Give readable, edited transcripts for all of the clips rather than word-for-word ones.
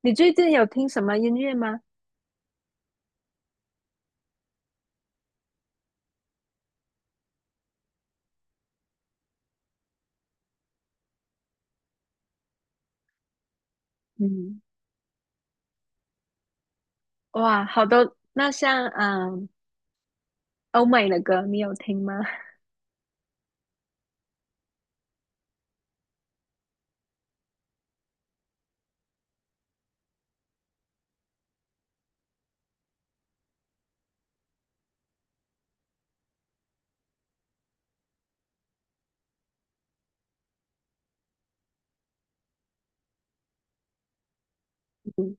你最近有听什么音乐吗？嗯，哇，好多，那像欧美的歌你有听吗？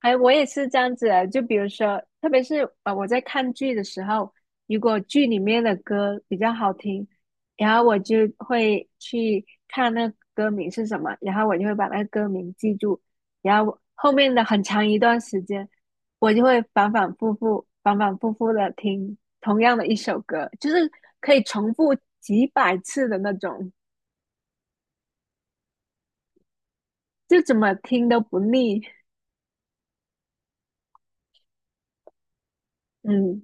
哎，我也是这样子的，就比如说，特别是我在看剧的时候，如果剧里面的歌比较好听，然后我就会去看那个歌名是什么，然后我就会把那个歌名记住，然后后面的很长一段时间，我就会反反复复、反反复复的听同样的一首歌，就是可以重复几百次的那种，就怎么听都不腻，嗯，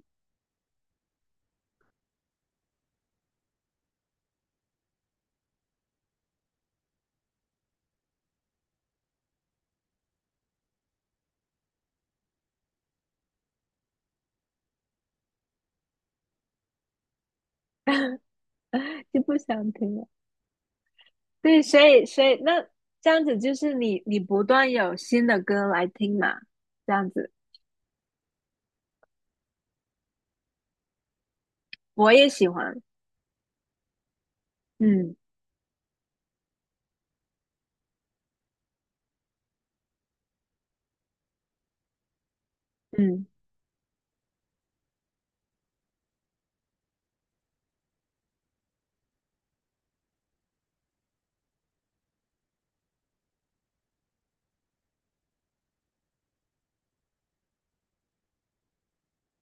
就不想听了。对，所以那这样子就是你不断有新的歌来听嘛，这样子我也喜欢，嗯嗯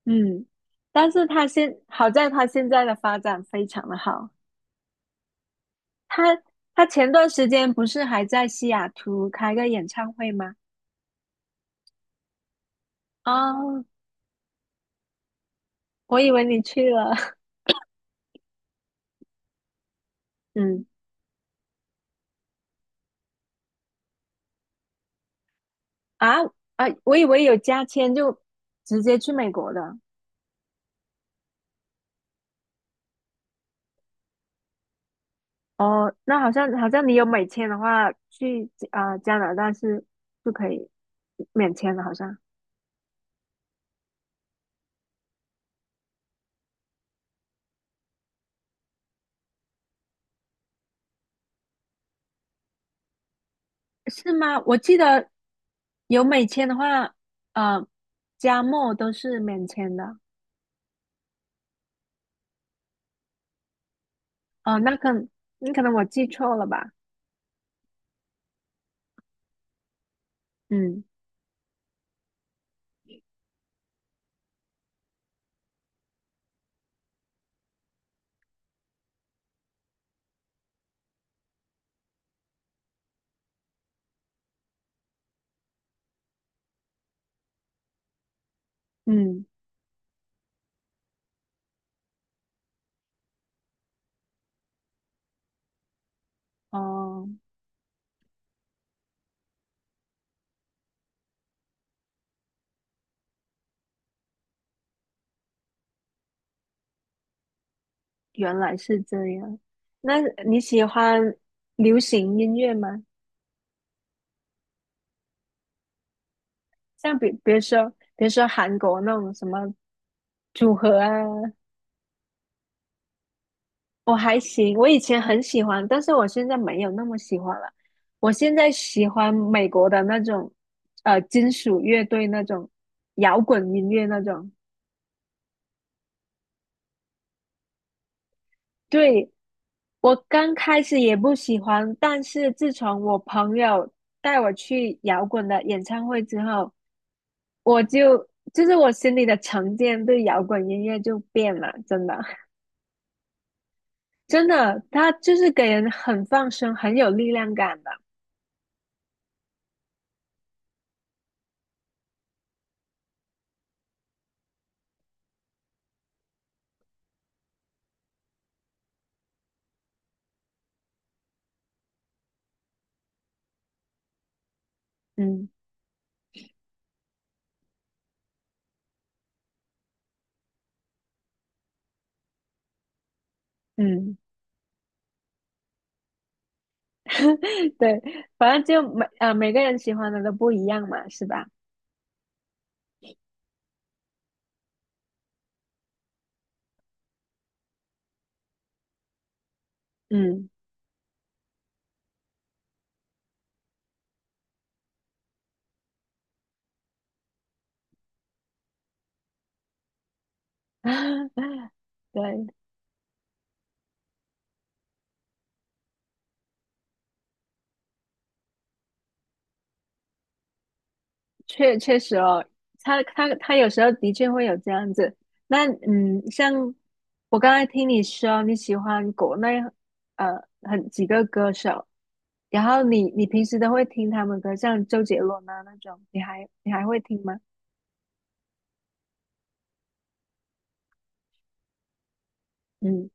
嗯，但是好在他现在的发展非常的好，他他前段时间不是还在西雅图开个演唱会吗？啊，我以为你去了，嗯啊啊，我以为有加签就直接去美国的，哦，那好像你有美签的话，去加拿大是不可以免签的，好像是吗？我记得有美签的话，呃，加墨都是免签的。哦，那可你可能我记错了吧？嗯嗯，哦，原来是这样。那你喜欢流行音乐吗？像比如说，比如说韩国那种什么组合啊，我还行，我以前很喜欢，但是我现在没有那么喜欢了。我现在喜欢美国的那种，金属乐队那种，摇滚音乐那种。对，我刚开始也不喜欢，但是自从我朋友带我去摇滚的演唱会之后，我就就是我心里的成见对摇滚音乐就变了，真的，真的，它就是给人很放松、很有力量感的。嗯嗯。对，反正就每个人喜欢的都不一样嘛，是吧？嗯，对，确实哦，他有时候的确会有这样子。那嗯，像我刚才听你说你喜欢国内几个歌手，然后你平时都会听他们歌，像周杰伦啊那种，你还会听吗？嗯，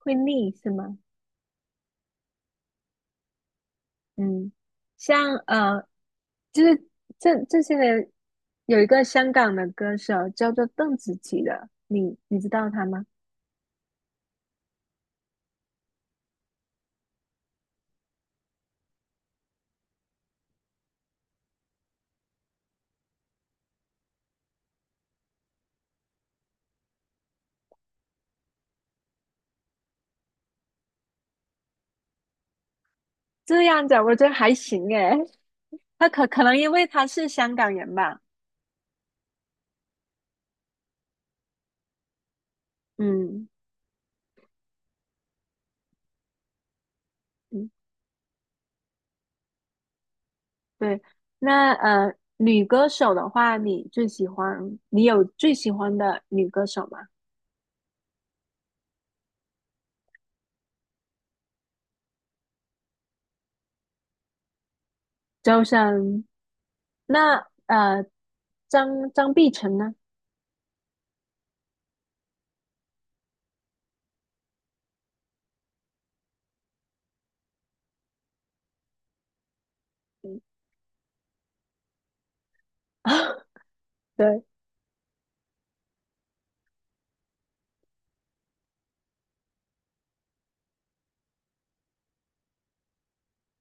会腻是吗？嗯，像呃就是这些年有一个香港的歌手叫做邓紫棋的，你知道她吗？这样子啊我觉得还行诶，她可能因为她是香港人吧，嗯嗯，对。那女歌手的话，你有最喜欢的女歌手吗？周深，那张碧晨呢？对，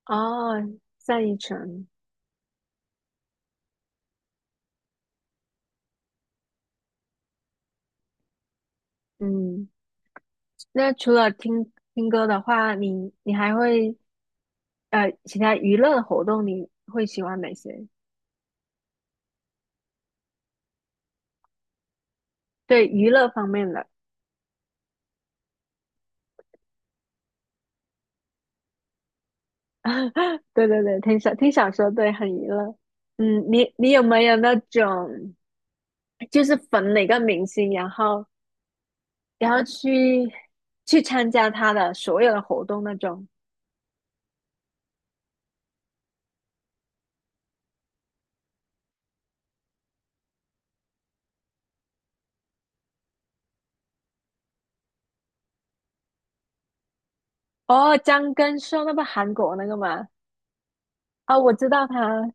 哦，单依纯，嗯。那除了听歌的话，你还会其他娱乐活动，你会喜欢哪些？对娱乐方面的，对对对，听小说，对，很娱乐。嗯，你有没有那种就是粉哪个明星，然后然后去参加他的所有的活动那种？哦，张根硕那不韩国那个吗？哦，我知道他，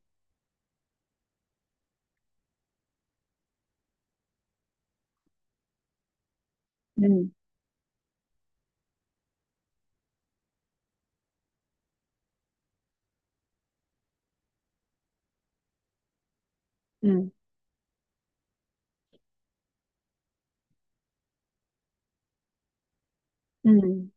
嗯嗯嗯，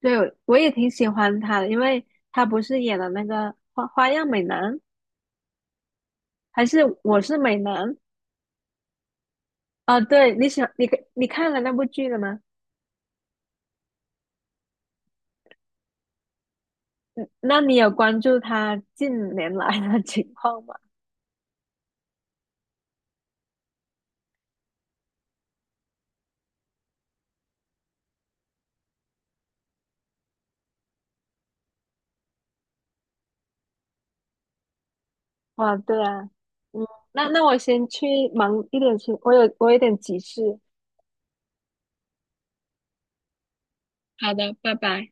对，我也挺喜欢他的，因为他不是演了那个花样美男，还是我是美男啊？对，你喜欢你你看了那部剧了吗？那你有关注他近年来的 情况吗？哇，对啊，嗯，那我先去忙一点事，我有点急事。好的，拜拜。